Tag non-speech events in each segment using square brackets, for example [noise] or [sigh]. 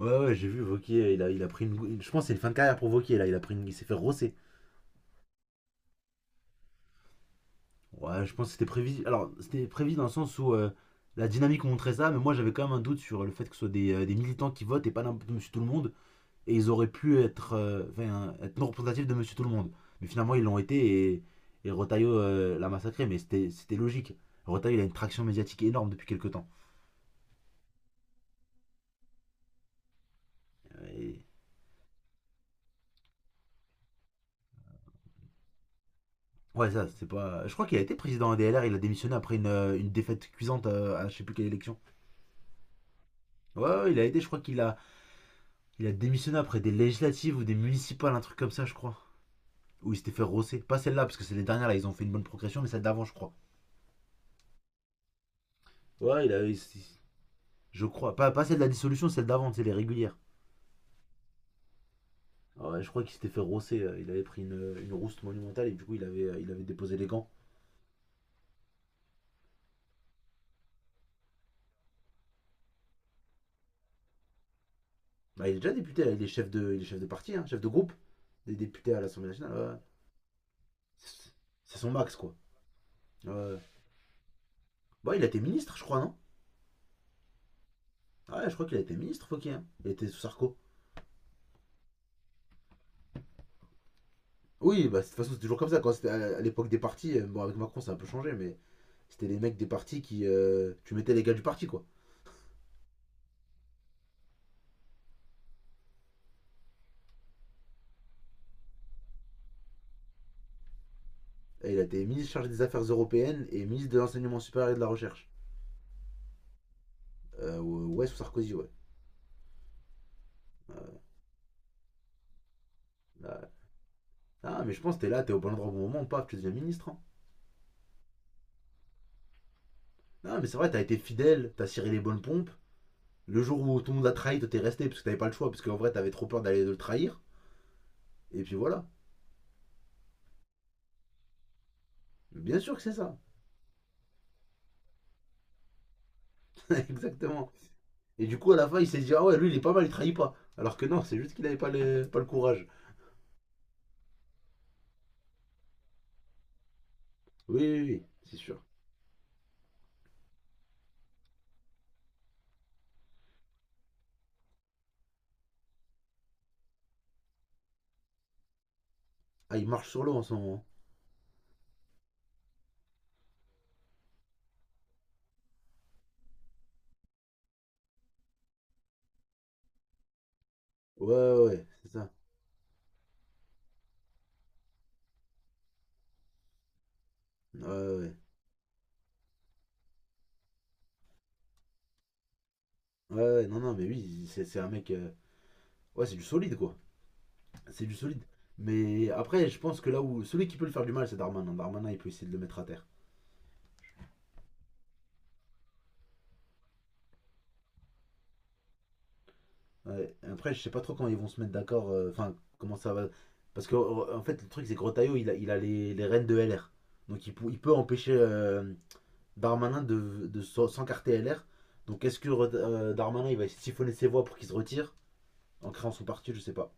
Ouais, ouais, j'ai vu Vauquier, il a pris. Je pense que c'est une fin de carrière pour Vauquier, là. Il, a pris une- il s'est fait rosser. Ouais, je pense que c'était prévisible. Alors, c'était prévisible dans le sens où la dynamique montrait ça, mais moi j'avais quand même un doute sur le fait que ce soit des militants qui votent et pas monsieur tout le monde. Et ils auraient pu être, enfin, être non représentatifs de monsieur tout le monde. Mais finalement, ils l'ont été et Rotaillot l'a massacré, mais c'était logique. Rotaillot, il a une traction médiatique énorme depuis quelques temps. Euh, et- Ouais, ça, c'est pas. Je crois qu'il a été président DLR, il a démissionné après une défaite cuisante à je sais plus quelle élection. Ouais, ouais, il a aidé, je crois qu'il a, il a démissionné après des législatives ou des municipales, un truc comme ça, je crois. Où il s'était fait rosser. Pas celle-là, parce que c'est les dernières, là, ils ont fait une bonne progression, mais celle d'avant, je crois. Ouais, je crois. Pas celle de la dissolution, celle d'avant, c'est les régulières. Ouais, je crois qu'il s'était fait rosser. Il avait pris une rouste monumentale et du coup, il avait déposé les gants. Bah, il est déjà député, là, il est chef de parti, hein, chef de groupe. Des députés à l'Assemblée nationale, ouais. C'est- C'est son max, quoi. Ouais. Ouais. Bah, il a été ministre, je crois, non? Ouais, je crois qu'il a été ministre, Fauquier, hein. Il était sous Sarko. Oui, bah, de toute façon, c'est toujours comme ça. Quand c'était à l'époque des partis, bon, avec Macron, ça a un peu changé, mais c'était les mecs des partis qui. Tu mettais les gars du parti, quoi. Et il a été ministre chargé des Affaires européennes et ministre de l'Enseignement supérieur et de la Recherche. Ouais, sous Sarkozy, ouais. Euh, là- ah, mais je pense que t'es là, t'es au bon endroit au bon moment, paf, tu deviens ministre. Hein. Non, mais c'est vrai, t'as été fidèle, t'as ciré les bonnes pompes. Le jour où tout le monde a trahi, toi t'es resté parce que t'avais pas le choix, parce qu'en vrai, t'avais trop peur d'aller le trahir. Et puis voilà. Bien sûr que c'est ça. [laughs] Exactement. Et du coup, à la fin, il s'est dit, ah ouais, lui, il est pas mal, il trahit pas. Alors que non, c'est juste qu'il avait pas le courage. Oui, oui, oui, c'est sûr. Ah, il marche sur l'eau en ce moment. Ouais, ouais, ouais, c'est ça. Ouais, ouais. Ouais, ouais, ouais, non, non, mais oui, c'est un mec. Ouais, c'est du solide, quoi. C'est du solide. Mais après, je pense que là où. Celui qui peut le faire du mal, c'est Darmanin. Darmanin, il peut essayer de le mettre à terre. Ouais. Après, je sais pas trop quand ils vont se mettre d'accord. Enfin, comment ça va. Parce que, en fait, le truc, c'est que Rotaillot, il a les rênes de LR. Donc, il peut empêcher Darmanin de s'encarter LR. Donc est-ce que Darmanin il va siphonner ses voix pour qu'il se retire en créant son parti? Je sais pas.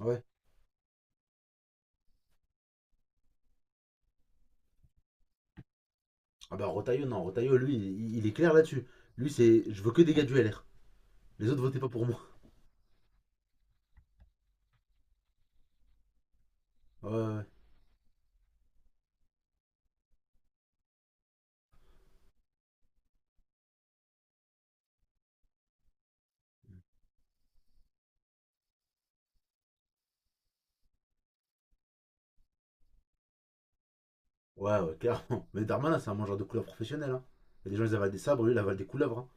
Ouais. Ah bah Rotaillot, non, Rotaillot, lui, il est clair là-dessus. Lui, c'est je veux que des gars du LR. Les autres, votez pas pour moi. Ouais, ouais, ouais, ouais clairement. Mais Darmanin, c'est un mangeur de couleurs professionnel. Hein. Il y a des gens, ils avalent des sabres, lui, il avale des couleuvres. Hein.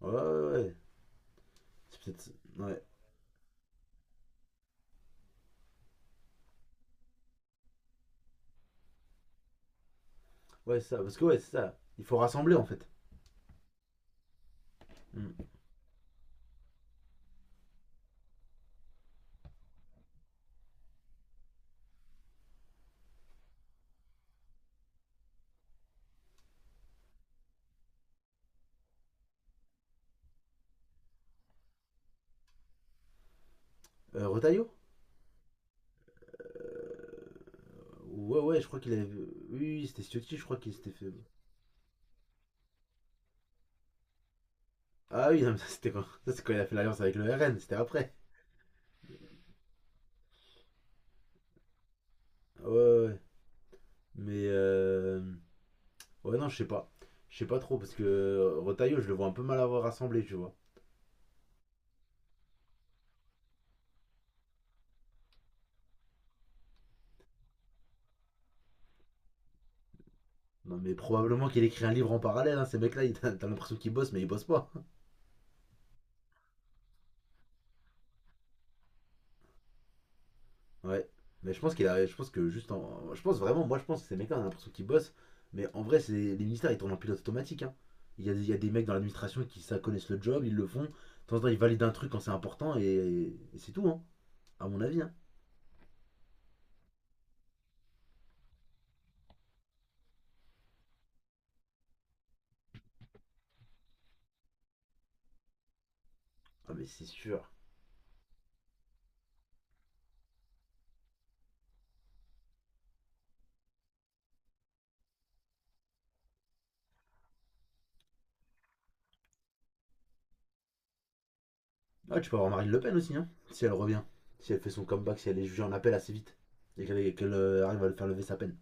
Ouais, ouais, ouais. Ouais. C'est peut-être. Ouais, ouais, ça. Parce que, ouais, c'est ça. Il faut rassembler, en fait. Mm. Rotaillot. Ouais, ouais, je crois qu'il avait. Oui, oui c'était Ciotti, je crois qu'il s'était fait. Ah oui, non, ça, c'est quand il a fait l'alliance avec le RN, c'était après. Ouais, ouais, ouais. Mais ouais, non, je sais pas. Je sais pas trop parce que Rotaillot, je le vois un peu mal avoir rassemblé, tu vois. Non, mais probablement qu'il écrit un livre en parallèle, hein, ces mecs-là, [laughs] t'as l'impression qu'ils bossent, mais ils bossent pas. Ouais. Mais je pense vraiment, moi je pense que ces mecs-là, on a l'impression qu'ils bossent, mais en vrai, c'est les ministères, ils tournent en pilote automatique, hein. Il y a des mecs dans l'administration qui ça connaissent le job, ils le font. De temps en temps, ils valident un truc quand c'est important et c'est tout, hein. À mon avis, hein. Ah, mais c'est sûr. Ah, tu peux avoir Marine Le Pen aussi, hein, si elle revient. Si elle fait son comeback, si elle est jugée en appel assez vite. Et qu'elle arrive à le faire lever sa peine.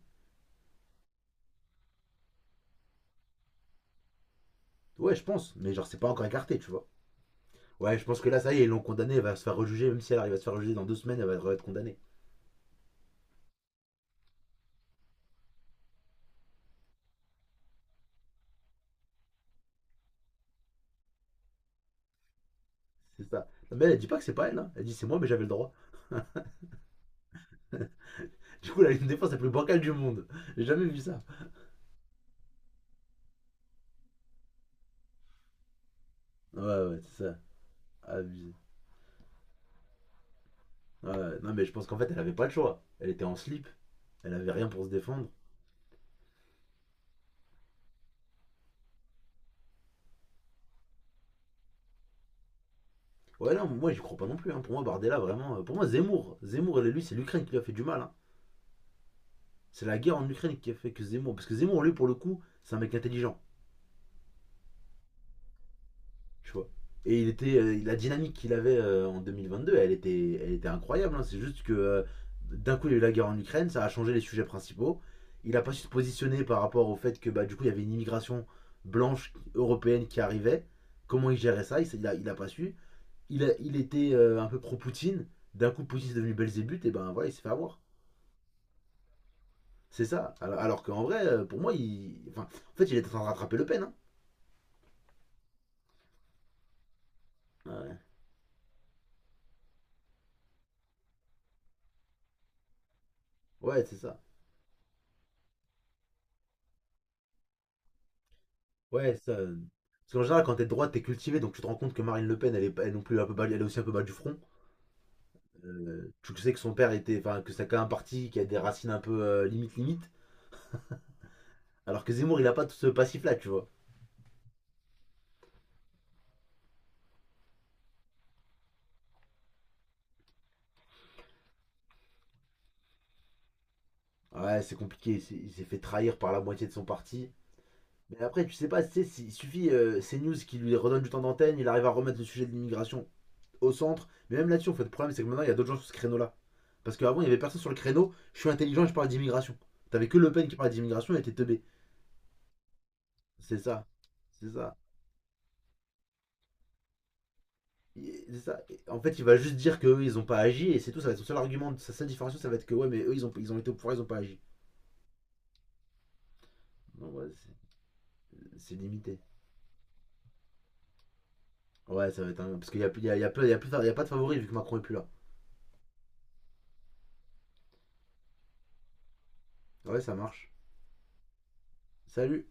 Ouais, je pense, mais genre, c'est pas encore écarté, tu vois. Ouais, je pense que là, ça y est, ils l'ont condamnée, elle va se faire rejuger, même si elle arrive à se faire rejuger dans 2 semaines, elle va être condamnée. C'est ça. Mais elle, elle dit pas que c'est pas elle, hein. Elle dit c'est moi, mais j'avais le droit. [laughs] Du coup, elle a une défense la plus bancale du monde. J'ai jamais vu ça. Ouais, ouais, c'est ça. Abusé. Ouais, ouais. Non, mais je pense qu'en fait, elle avait pas le choix. Elle était en slip, elle avait rien pour se défendre. Ouais, non, moi, j'y crois pas non plus. Hein. Pour moi, Bardella, vraiment. Pour moi, Zemmour. Zemmour, lui, c'est l'Ukraine qui lui a fait du mal, hein. C'est la guerre en Ukraine qui a fait que Zemmour. Parce que Zemmour, lui, pour le coup, c'est un mec intelligent, tu vois. Et il était, la dynamique qu'il avait en 2022, elle était incroyable, hein. C'est juste que d'un coup, il y a eu la guerre en Ukraine, ça a changé les sujets principaux. Il a pas su se positionner par rapport au fait que bah, du coup, il y avait une immigration blanche européenne qui arrivait. Comment il gérait ça? Il a pas su. Il était un peu pro-Poutine. D'un coup, Poutine est devenu Belzébuth, et ben voilà, il s'est fait avoir. C'est ça. Alors qu'en vrai, pour moi, il. Enfin, en fait, il est en train de rattraper Le Pen, hein. Ouais. Ouais, c'est ça. Ouais, ça. Parce qu'en général, quand t'es de droite, t'es cultivé, donc tu te rends compte que Marine Le Pen, elle est non plus un peu bas- elle est aussi un peu bas du front. Tu sais que son père était, enfin, que c'est quand même un parti qui a des racines un peu limite limite, alors que Zemmour, il a pas tout ce passif-là, tu vois. Ouais, c'est compliqué. Il s'est fait trahir par la moitié de son parti. Mais après, tu sais pas, tu sais, il suffit CNews qui lui redonne du temps d'antenne, il arrive à remettre le sujet de l'immigration au centre. Mais même là-dessus, en fait, le problème, c'est que maintenant, il y a d'autres gens sur ce créneau-là. Parce qu'avant, il y avait personne sur le créneau. Je suis intelligent et je parle d'immigration. T'avais que Le Pen qui parlait d'immigration et était teubé. C'est ça. C'est ça. C'est ça. Et en fait, il va juste dire qu'eux, ils ont pas agi et c'est tout. Ça va être son seul argument. Sa seule différenciation, ça va être que ouais, mais eux, ils ont été au pouvoir, ils ont pas agi. Donc, ouais, c'est limité. Ouais, ça va être un. Parce qu'il y a, il y a pas de favori vu que Macron est plus là. Ouais, ça marche. Salut.